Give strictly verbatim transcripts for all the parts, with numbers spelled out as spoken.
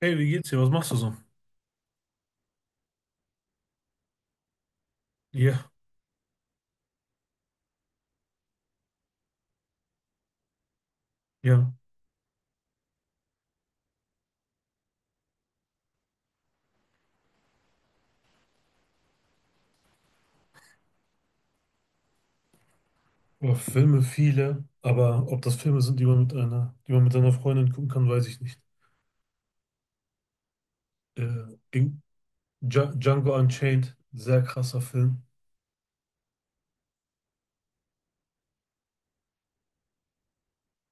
Hey, wie geht's dir? Was machst du so? Ja, ja. Boah, Filme viele, aber ob das Filme sind, die man mit einer, die man mit seiner Freundin gucken kann, weiß ich nicht. Äh, in, Dja- Django Unchained, sehr krasser Film.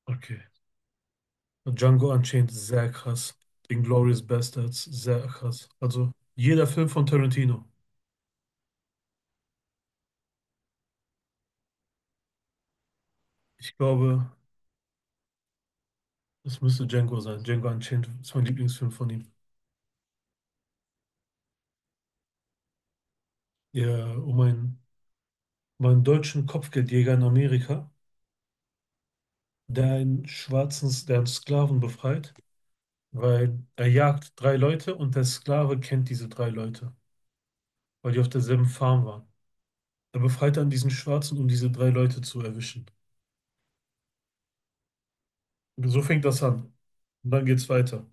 Okay. Django Unchained, sehr krass. Inglourious Basterds, sehr krass. Also jeder Film von Tarantino. Ich glaube, es müsste Django sein. Django Unchained ist mein Lieblingsfilm von ihm. Ja, um einen, um einen deutschen Kopfgeldjäger in Amerika, der einen Schwarzen, der einen Sklaven befreit, weil er jagt drei Leute und der Sklave kennt diese drei Leute, weil die auf derselben Farm waren. Er befreit dann diesen Schwarzen, um diese drei Leute zu erwischen. Und so fängt das an. Und dann geht's weiter.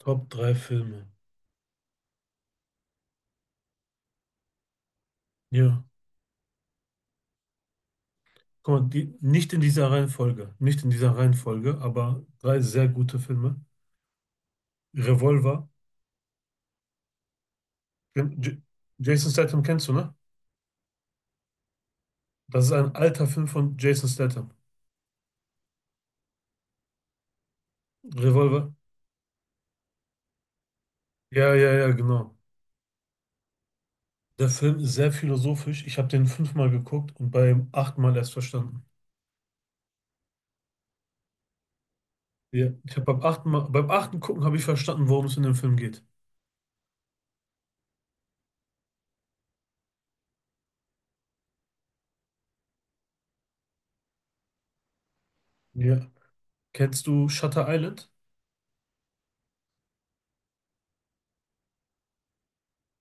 Top drei Filme. Ja. Guck mal, die, nicht in dieser Reihenfolge. Nicht in dieser Reihenfolge, aber drei sehr gute Filme. Revolver. Ken- J Jason Statham kennst du, ne? Das ist ein alter Film von Jason Statham. Revolver. Ja, ja, ja, genau. Der Film ist sehr philosophisch. Ich habe den fünfmal geguckt und beim achten Mal erst verstanden. Ja. Ich habe beim achten Mal, beim achten Gucken habe ich verstanden, worum es in dem Film geht. Ja. Kennst du Shutter Island?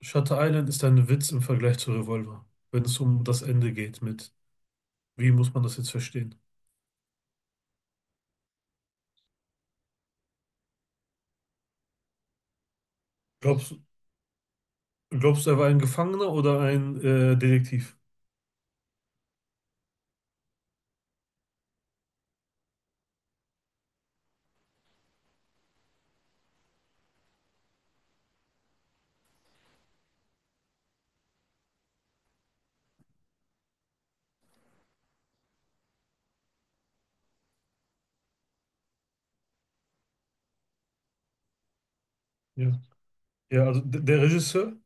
Shutter Island ist ein Witz im Vergleich zu Revolver, wenn es um das Ende geht mit, wie muss man das jetzt verstehen? Glaubst, glaubst du, er war ein Gefangener oder ein äh, Detektiv? Ja. Ja, also d- der Regisseur,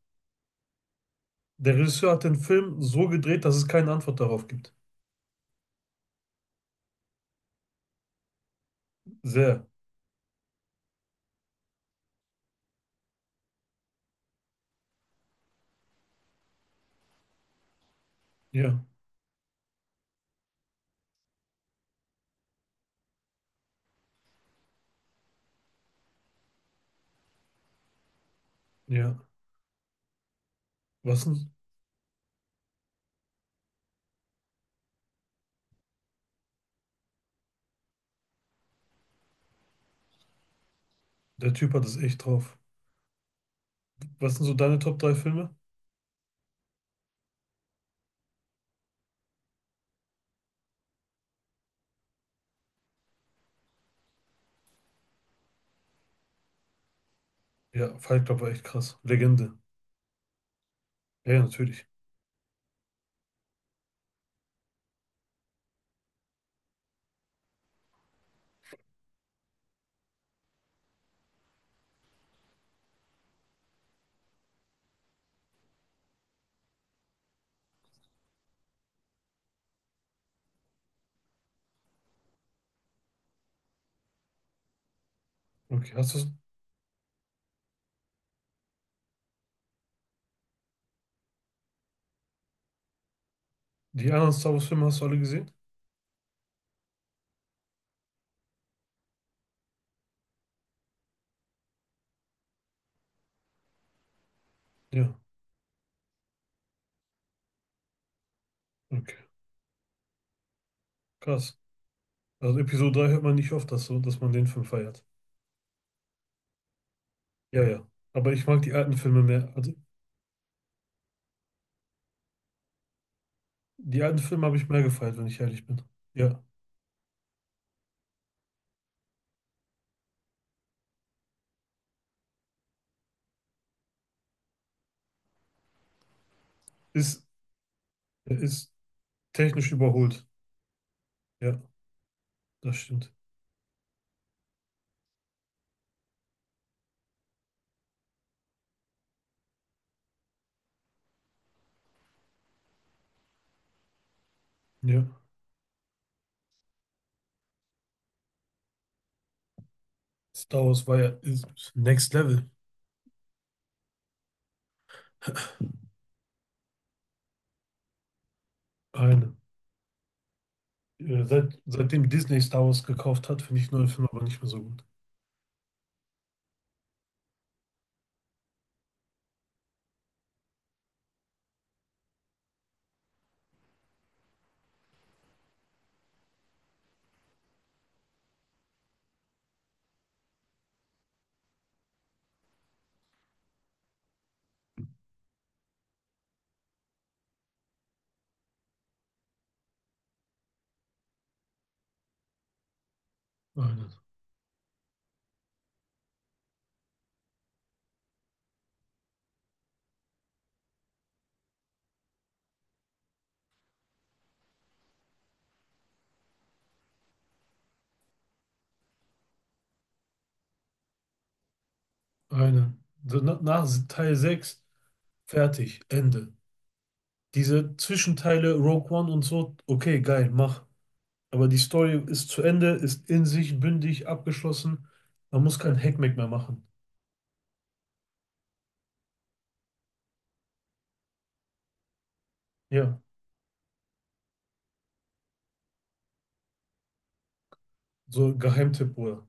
der Regisseur hat den Film so gedreht, dass es keine Antwort darauf gibt. Sehr. Ja, ja. Was denn? Der Typ hat es echt drauf. Was sind so deine Top drei Filme? Ja, Fight Club war echt krass. Legende. Ja, ja, natürlich. Okay, hast du die anderen Star Wars Filme hast du alle gesehen? Ja, okay. Krass. Also Episode drei hört man nicht oft, dass, so, dass man den Film feiert. Ja, ja. Aber ich mag die alten Filme mehr. Also die alten Filme habe ich mehr gefeiert, wenn ich ehrlich bin. Ja. Ist, er ist technisch überholt. Ja, das stimmt. Ja. Star Wars war ja ist Next Level. Eine. Äh, Seit, seitdem Disney Star Wars gekauft hat, finde ich neue Filme aber nicht mehr so gut. Eine. Eine. So, na- nach Teil sechs fertig, Ende. Diese Zwischenteile, Rogue One und so, okay, geil, mach. Aber die Story ist zu Ende, ist in sich bündig, abgeschlossen. Man muss keinen Heckmeck mehr machen. Ja, so Geheimtipp, Bruder.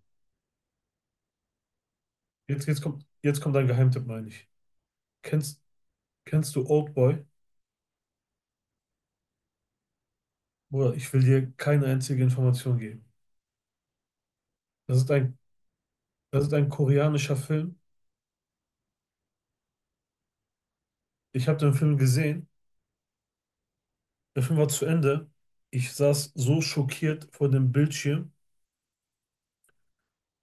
Jetzt, jetzt kommt, jetzt kommt ein Geheimtipp, meine ich. Kennst, kennst du Oldboy? Bruder, ich will dir keine einzige Information geben. Das ist ein, das ist ein koreanischer Film. Ich habe den Film gesehen. Der Film war zu Ende. Ich saß so schockiert vor dem Bildschirm.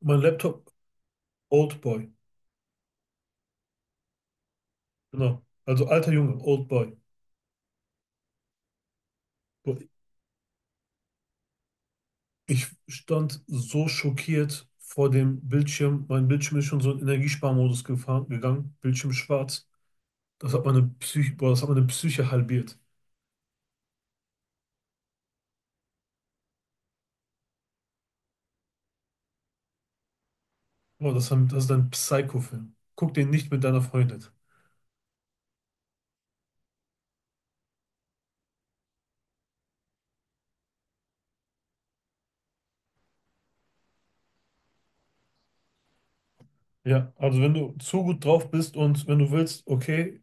Mein Laptop, Old Boy. Genau. Also alter Junge, Old Boy. Boah, ich stand so schockiert vor dem Bildschirm. Mein Bildschirm ist schon so in Energiesparmodus gefahren, gegangen. Bildschirm schwarz. Das hat meine Psyche, boah, das hat meine Psyche halbiert. Boah, das, haben- das ist ein Psycho-Film. Guck den nicht mit deiner Freundin. Ja, also wenn du zu gut drauf bist und wenn du willst, okay,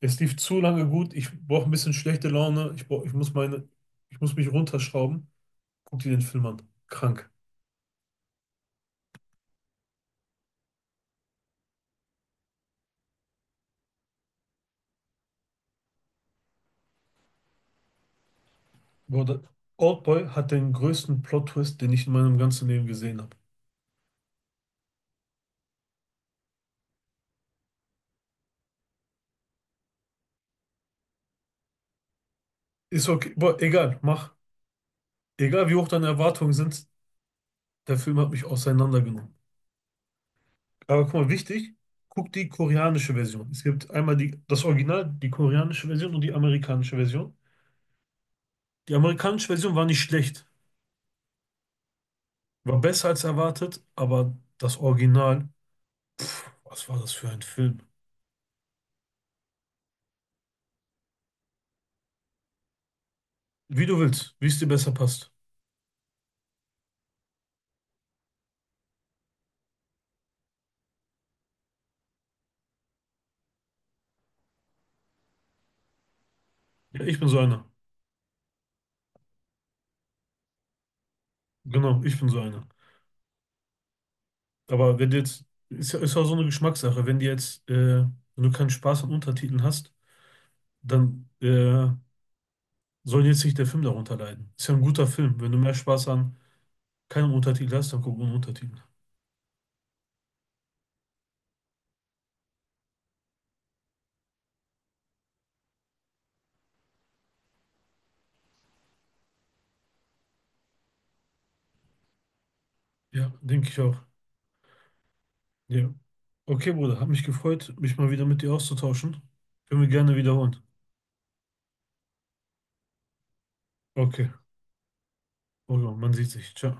es lief zu lange gut, ich brauche ein bisschen schlechte Laune, ich brauch, ich muss meine, ich muss mich runterschrauben, guck dir den Film an. Krank. Boah, da- Oldboy hat den größten Plot-Twist, den ich in meinem ganzen Leben gesehen habe. Ist okay, boah, egal, mach. Egal wie hoch deine Erwartungen sind, der Film hat mich auseinandergenommen. Aber guck mal, wichtig, guck die koreanische Version. Es gibt einmal die, das Original, die koreanische Version und die amerikanische Version. Die amerikanische Version war nicht schlecht, war besser als erwartet, aber das Original, was war das für ein Film? Wie du willst, wie es dir besser passt. Ja, ich bin so einer. Genau, ich bin so einer. Aber wenn du jetzt, ist, ja- ist auch so eine Geschmackssache, wenn du jetzt, äh, wenn du keinen Spaß an Untertiteln hast, dann äh, soll jetzt nicht der Film darunter leiden. Ist ja ein guter Film. Wenn du mehr Spaß an keinem Untertitel hast, dann guck ohne Untertitel. Ja, denke ich auch. Ja. Okay, Bruder, hat mich gefreut, mich mal wieder mit dir auszutauschen. Können wir gerne wiederholen. Okay, Bruder, man sieht sich. Ciao.